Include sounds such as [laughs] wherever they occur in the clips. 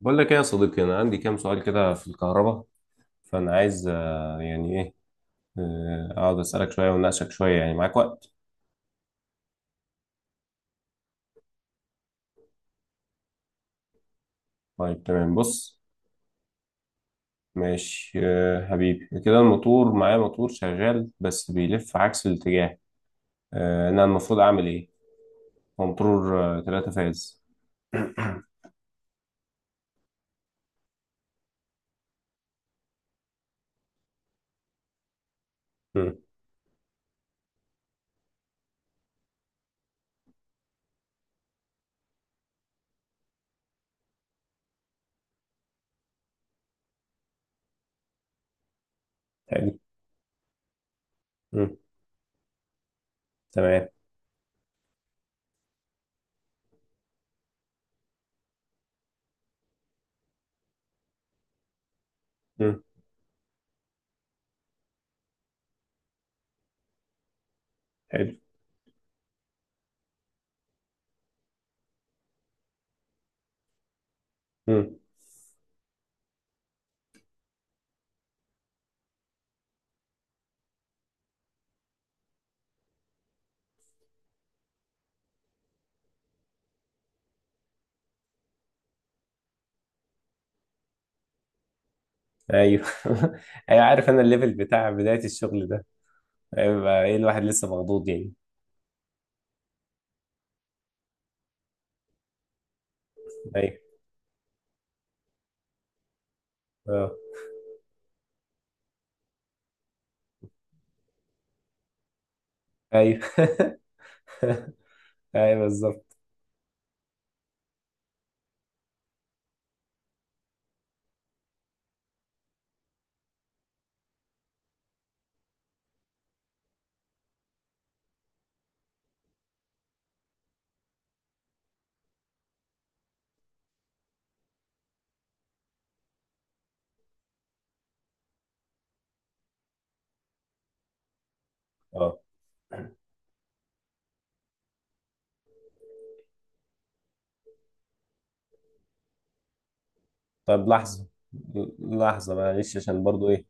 بقول لك ايه يا صديقي، انا عندي كام سؤال كده في الكهرباء. فانا عايز آه، يعني ايه آه، اقعد اسالك شويه واناقشك شويه. يعني معاك وقت؟ طيب تمام، بص. ماشي حبيبي كده، الموتور معايا موتور شغال بس بيلف عكس الاتجاه. انا المفروض اعمل ايه؟ هو موتور تلاتة فاز. [coughs] مم، حلو. مم، تمام. مم، حلو. مم، ايوه. [laughs] ايوه، عارف انا الليفل بتاع بدايه الشغل ده هيبقى ايه. الواحد لسه مخضوض يعني. ايوه. اه. ايوه. [laughs] [laughs] ايوه بالظبط. اه. طب لحظة، لحظة معلش، عشان برضو ايه،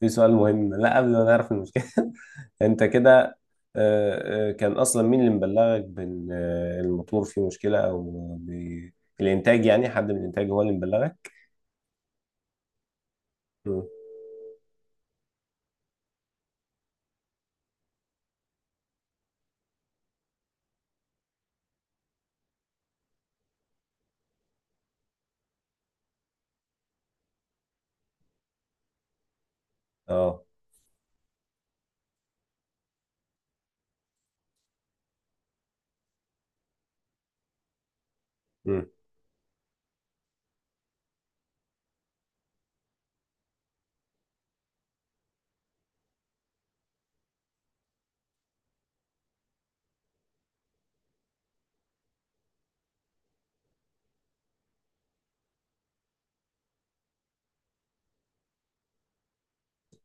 في سؤال مهم لا قبل ما نعرف المشكلة. [laughs] انت كده كان اصلا مين اللي مبلغك بان الموتور فيه مشكلة او الانتاج؟ يعني حد من الانتاج هو اللي مبلغك؟ مم. اه. مم.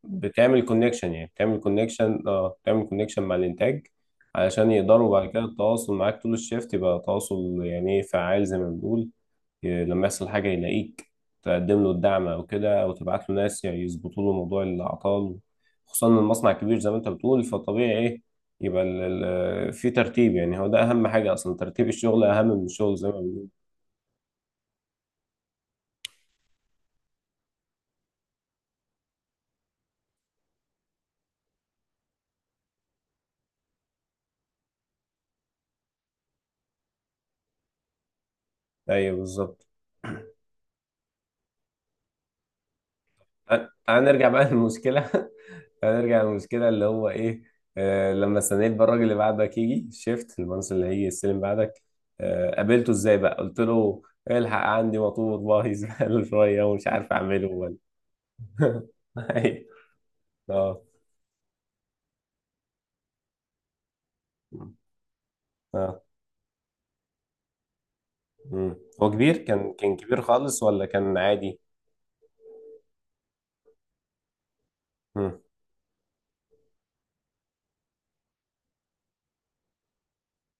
بتعمل كونكشن، يعني بتعمل كونكشن، اه بتعمل كونكشن مع الانتاج، علشان يقدروا بعد كده التواصل معاك طول الشيفت، يبقى تواصل يعني ايه، فعال زي ما بنقول. لما يحصل حاجة يلاقيك تقدم له الدعم أو كده، أو تبعت له ناس يعني يظبطوا له موضوع الأعطال. خصوصا إن المصنع كبير زي ما أنت بتقول، فطبيعي إيه، يبقى في ترتيب. يعني هو ده أهم حاجة أصلا، ترتيب الشغل أهم من الشغل زي ما بنقول. أيوه بالظبط. تعال نرجع بقى للمشكلة. [laughs] تعال نرجع للمشكلة اللي هو إيه. آه لما استنيت بقى الراجل اللي بعدك يجي الشيفت، المهندس اللي هيجي يستلم بعدك، آه قابلته إزاي بقى؟ قلت له إيه؟ الحق عندي مطلوب والله. [laughs] زبالة شوية ومش عارف أعمله. [laughs] ايوه. اه. اه. مم. هو كبير؟ كان كبير خالص ولا كان عادي؟ مم.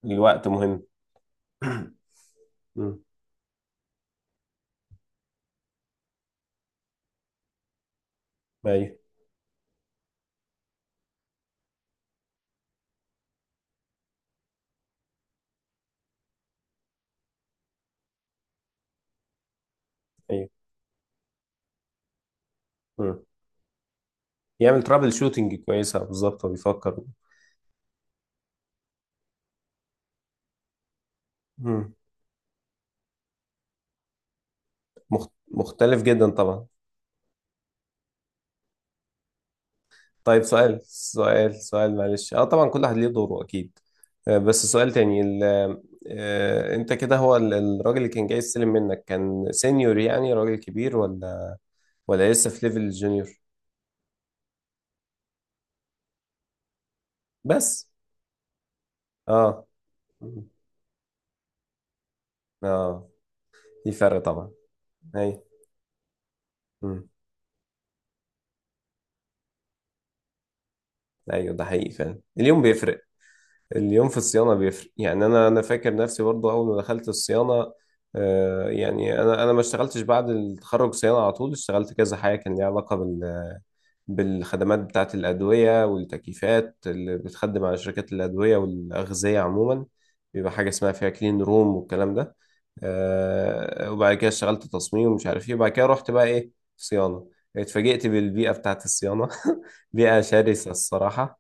الوقت مهم. [clears throat] مم. ايوه. ايوه. مم. يعمل ترابل شوتنج كويسة، بالظبط هو بيفكر. مم. مخت... مختلف جدا طبعا. طيب سؤال معلش، اه طبعا كل واحد ليه دوره اكيد. بس سؤال تاني ال... آه، انت كده هو الراجل اللي كان جاي يستلم منك كان سينيور يعني راجل كبير، ولا ولا لسه في ليفل جونيور؟ بس اه. مم. اه، في فرق طبعا. ايوه. مم. ايوه ده حقيقي، فعلا اليوم بيفرق. اليوم في الصيانه بيفرق. يعني انا فاكر نفسي برضه اول ما دخلت الصيانه، آه يعني انا ما اشتغلتش بعد التخرج صيانه على طول، اشتغلت كذا حاجه كان ليها علاقه بالخدمات بتاعة الأدوية والتكييفات اللي بتخدم على شركات الأدوية والأغذية عموما. بيبقى حاجة اسمها فيها كلين روم والكلام ده. وبعد كده اشتغلت تصميم ومش عارف ايه، وبعد كده رحت بقى ايه، صيانة. اتفاجئت بالبيئة بتاعة الصيانة. [laughs] بيئة شرسة الصراحة.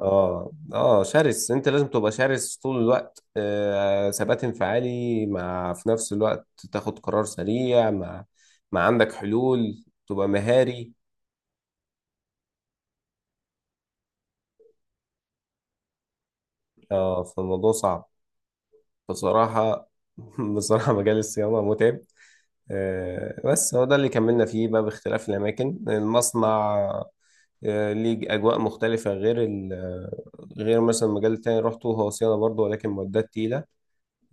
اه اه شرس، انت لازم تبقى شرس طول الوقت. ثبات انفعالي، مع في نفس الوقت تاخد قرار سريع، مع مع عندك حلول تبقى مهاري. اه فالموضوع صعب. بصراحة، [laughs] بصراحة مجال الصيانة متعب. بس هو ده اللي كملنا فيه بقى باختلاف الأماكن المصنع. ليه أجواء مختلفة غير غير مثلا المجال التاني اللي روحته، هو صيانة برضه ولكن معدات تقيلة.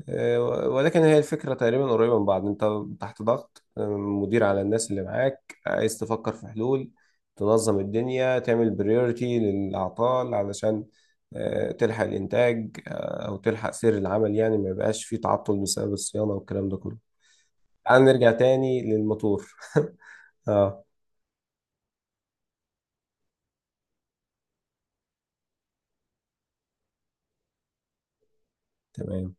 آه، ولكن هي الفكرة تقريبا قريبة من بعض. انت تحت ضغط، مدير على الناس اللي معاك، عايز تفكر في حلول، تنظم الدنيا، تعمل بريورتي للأعطال، علشان تلحق الإنتاج، أو تلحق سير العمل، يعني ما يبقاش فيه تعطل بسبب الصيانة والكلام ده كله. تعال نرجع تاني للموتور. [laughs] اه، تمام،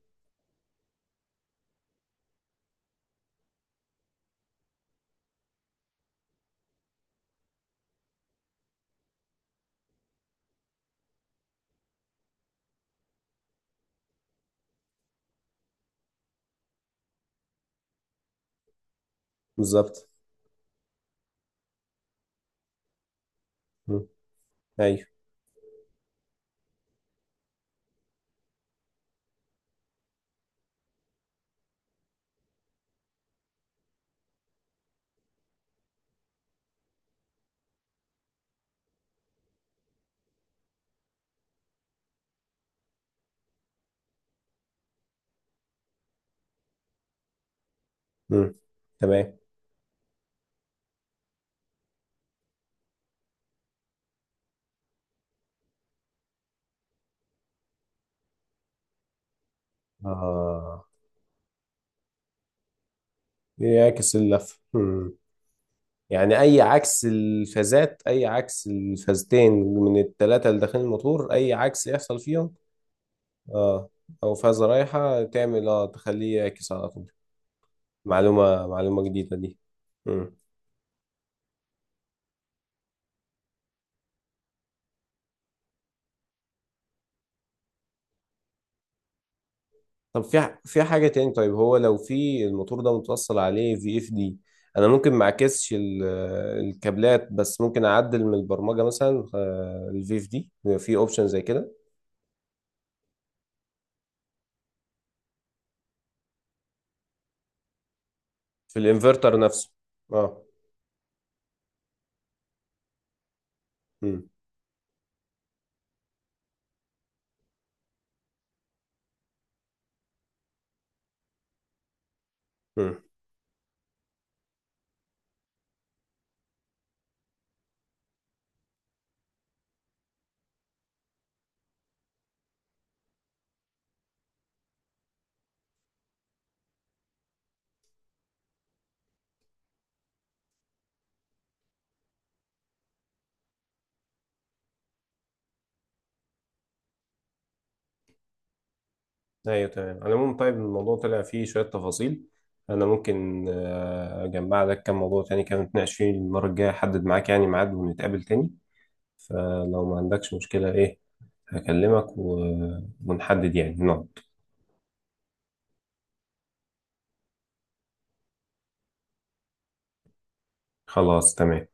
بالظبط. مم. ايوه. مم. تمام. اه، يعكس اللف. يعني اي عكس الفازات، اي عكس الفازتين من الثلاثه اللي داخلين الموتور، اي عكس يحصل فيهم. اه. او فازه رايحه تعمل اه تخليه يعكس على طول؟ معلومه، معلومه جديده دي. مم. طب في في حاجه تاني. طيب هو لو في الموتور ده متوصل عليه في VFD، انا ممكن ما اعكسش الكابلات، بس ممكن اعدل من البرمجه مثلا الفي VFD؟ في اوبشن زي كده؟ في الانفرتر نفسه؟ اه. مم. مم. ايوه تمام، على العموم طيب الموضوع طلع فيه شوية تفاصيل. انا ممكن اجمع لك كم موضوع تاني كده نتناقش فيه المرة الجاية، احدد معاك يعني ميعاد ونتقابل تاني. فلو ما عندكش مشكلة ايه، هكلمك و... ونحدد يعني نقعد. خلاص تمام.